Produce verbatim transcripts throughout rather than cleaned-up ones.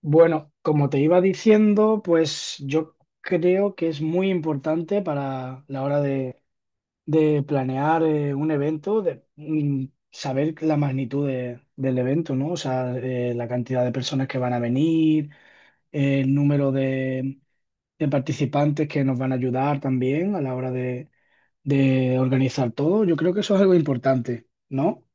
Bueno, como te iba diciendo, pues yo creo que es muy importante para la hora de, de planear eh, un evento, de mm, saber la magnitud de- del evento, ¿no? O sea, eh, la cantidad de personas que van a venir, el número de, de participantes que nos van a ayudar también a la hora de, de organizar todo. Yo creo que eso es algo importante, ¿no?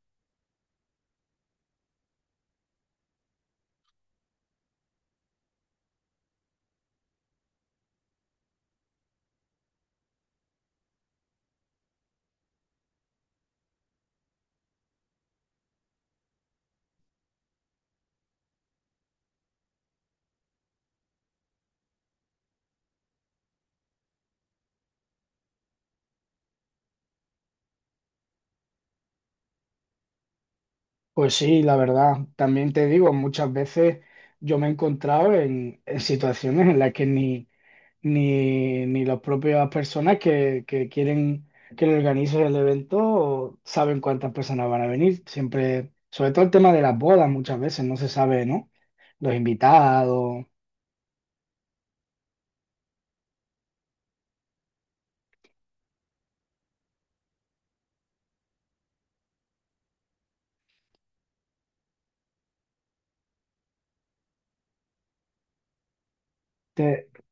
Pues sí, la verdad, también te digo, muchas veces yo me he encontrado en, en situaciones en las que ni, ni, ni las propias personas que, que quieren que le organicen el evento saben cuántas personas van a venir. Siempre, sobre todo el tema de las bodas, muchas veces no se sabe, ¿no? Los invitados. te-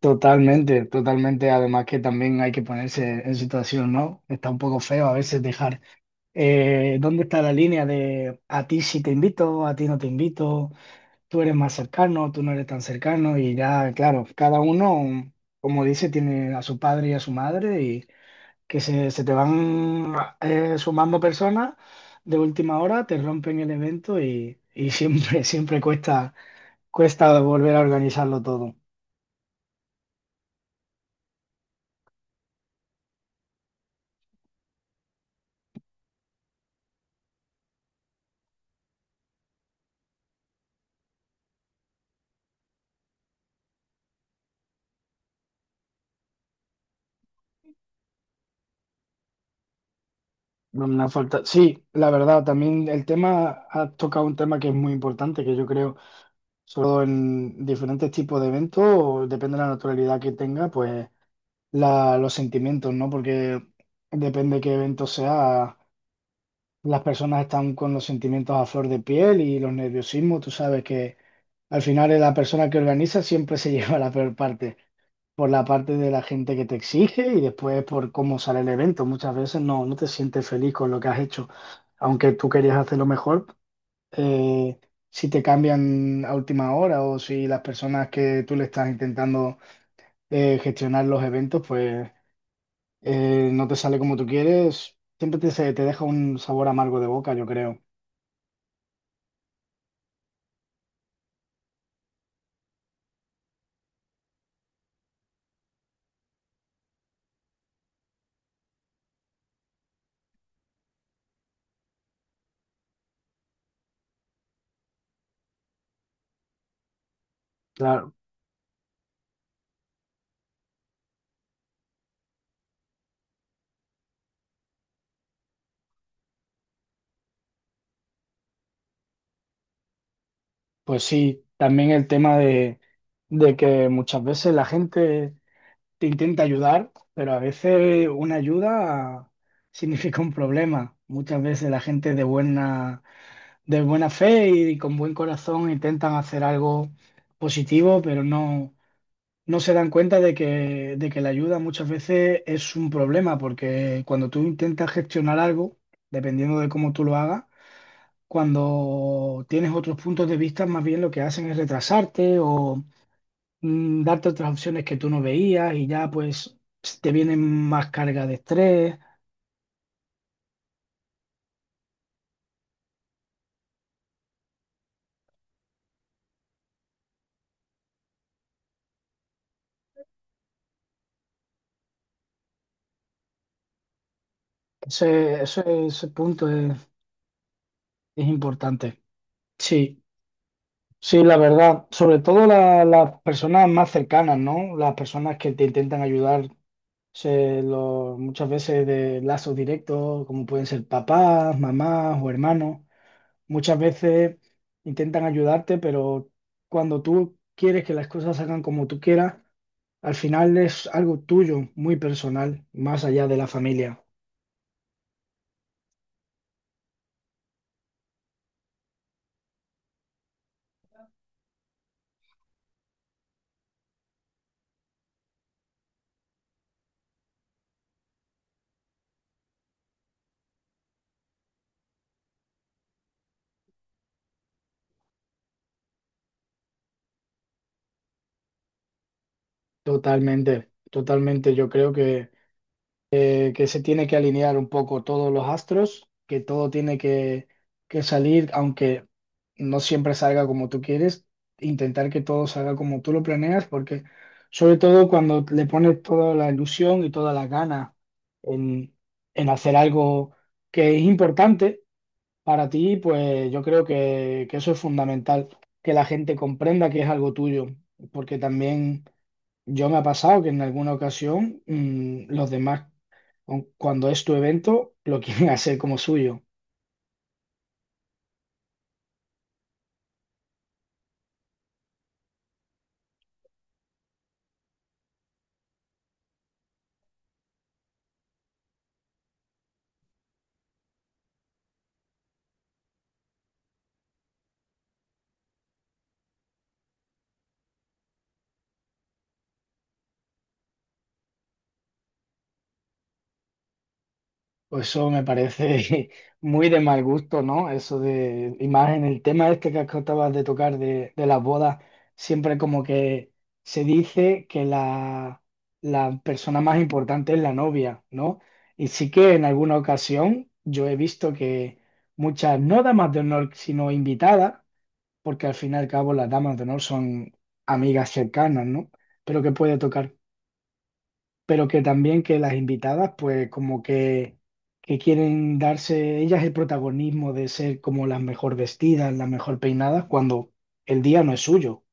Totalmente, totalmente. Además que también hay que ponerse en situación, ¿no? Está un poco feo a veces dejar eh, ¿dónde está la línea de a ti sí te invito, a ti no te invito, tú eres más cercano, tú no eres tan cercano? Y ya, claro, cada uno, como dice, tiene a su padre y a su madre y que se, se te van eh, sumando personas de última hora, te rompen el evento y, y siempre, siempre cuesta, cuesta volver a organizarlo todo. Una falta. Sí, la verdad, también el tema, ha tocado un tema que es muy importante, que yo creo sobre todo en diferentes tipos de eventos, o depende de la naturalidad que tenga, pues la- los sentimientos, ¿no? Porque depende qué evento sea, las personas están con los sentimientos a flor de piel y los nerviosismos, tú sabes que al final es la persona que organiza siempre se lleva la peor parte, por la parte de la gente que te exige y después por cómo sale el evento. Muchas veces no, no te sientes feliz con lo que has hecho, aunque tú querías hacerlo mejor eh, si te cambian a última hora o si las personas que tú le estás intentando eh, gestionar los eventos, pues eh, no te sale como tú quieres, siempre te, se- te deja un sabor amargo de boca, yo creo. Claro, pues sí, también el tema de, de que muchas veces la gente te intenta ayudar, pero a veces una ayuda significa un problema. Muchas veces la gente de buena de buena fe y con buen corazón intentan hacer algo positivo, pero no, no se dan cuenta de que, de que la ayuda muchas veces es un problema, porque cuando tú intentas gestionar algo, dependiendo de cómo tú lo hagas, cuando tienes otros puntos de vista, más bien lo que hacen es retrasarte o mm, darte otras opciones que tú no veías y ya pues te vienen más carga de estrés. Ese, ese, ese punto es es importante. Sí. Sí, la verdad, sobre todo la- las personas más cercanas, ¿no? Las personas que te intentan ayudar, se- lo- muchas veces de lazos directos, como pueden ser papás, mamás o hermanos, muchas veces intentan ayudarte, pero cuando tú quieres que las cosas salgan como tú quieras, al final es algo tuyo, muy personal, más allá de la familia. Totalmente, totalmente. Yo creo que eh, que se tiene que alinear un poco todos los astros, que todo tiene que, que salir, aunque no siempre salga como tú quieres, intentar que todo salga como tú lo planeas, porque sobre todo cuando le pones toda la ilusión y toda la gana en, en hacer algo que es importante para ti, pues yo creo que, que eso es fundamental, que la gente comprenda que es algo tuyo, porque también yo me ha pasado que en alguna ocasión mm, los demás, cu- cuando es tu evento, lo quieren hacer como suyo. Pues eso me parece muy de mal gusto, ¿no? Eso de, y más en el tema este que acabas de tocar de, de las bodas, siempre como que se dice que la, la persona más importante es la novia, ¿no? Y sí que en alguna ocasión yo he visto que muchas, no damas de honor, sino invitadas, porque al fin y al cabo las damas de honor son amigas cercanas, ¿no? Pero que puede tocar pero que también que las invitadas, pues como que, que quieren darse ellas el protagonismo de ser como las mejor vestidas, las mejor peinadas, cuando el día no es suyo.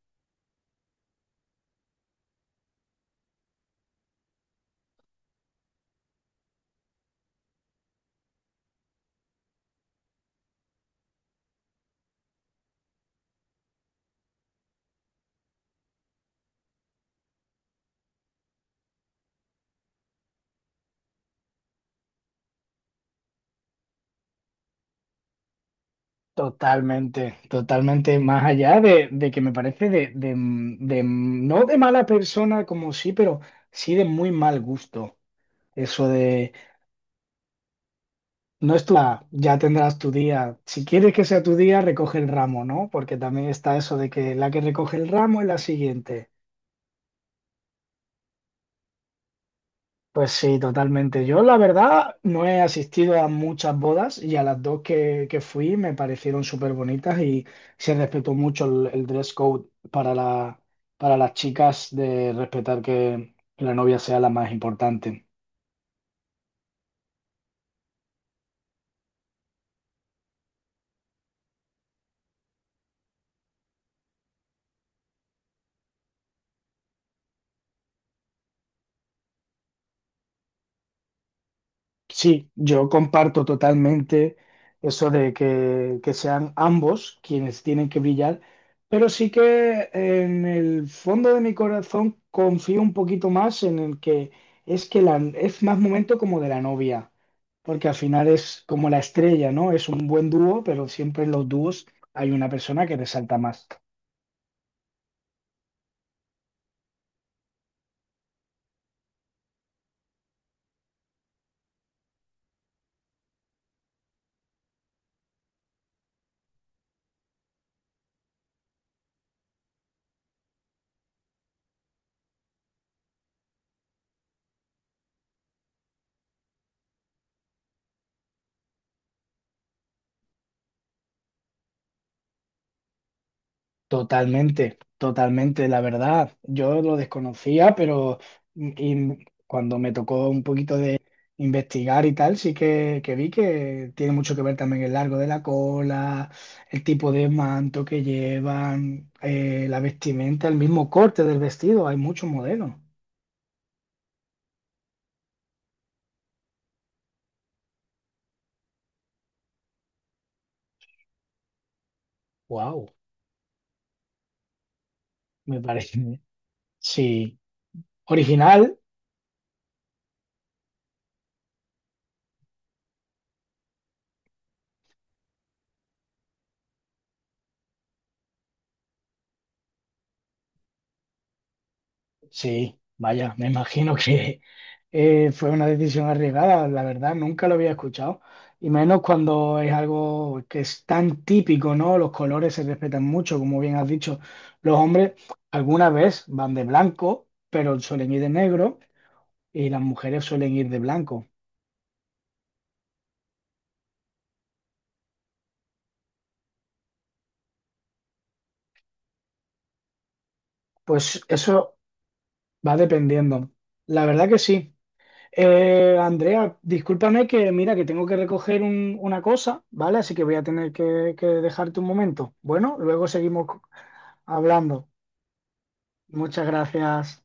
Totalmente, totalmente, más allá de, de que me parece de, de, de- no de mala persona como sí, pero sí de muy mal gusto. Eso de, no es tu, día, ya tendrás tu día. Si quieres que sea tu día, recoge el ramo, ¿no? Porque también está eso de que la que recoge el ramo es la siguiente. Pues sí, totalmente. Yo la verdad no he asistido a muchas bodas y a las dos que, que fui me parecieron súper bonitas y se respetó mucho el, el dress code para la, para las chicas de respetar que la novia sea la más importante. Sí, yo comparto totalmente eso de que, que sean ambos quienes tienen que brillar, pero sí que en el fondo de mi corazón confío un poquito más en el que es que la, es más momento como de la novia, porque al final es como la estrella, ¿no? Es un buen dúo, pero siempre en los dúos hay una persona que resalta más. Totalmente, totalmente, la verdad. Yo lo desconocía, pero mm, y cuando me tocó un poquito de investigar y tal, sí que, que vi que tiene mucho que ver también el largo de la cola, el tipo de manto que llevan, eh, la vestimenta, el mismo corte del vestido. Hay muchos modelos. Wow, me parece. Sí, original. Sí, vaya, me imagino que eh, fue una decisión arriesgada, la verdad, nunca lo había escuchado, y menos cuando es algo que es tan típico, ¿no? Los colores se respetan mucho, como bien has dicho, los hombres alguna vez van de blanco, pero suelen ir de negro, y las mujeres suelen ir de blanco. Pues eso va dependiendo. La verdad que sí. Eh, Andrea, discúlpame que mira que tengo que recoger un- una cosa, ¿vale? Así que voy a tener que, que dejarte un momento. Bueno, luego seguimos hablando. Muchas gracias.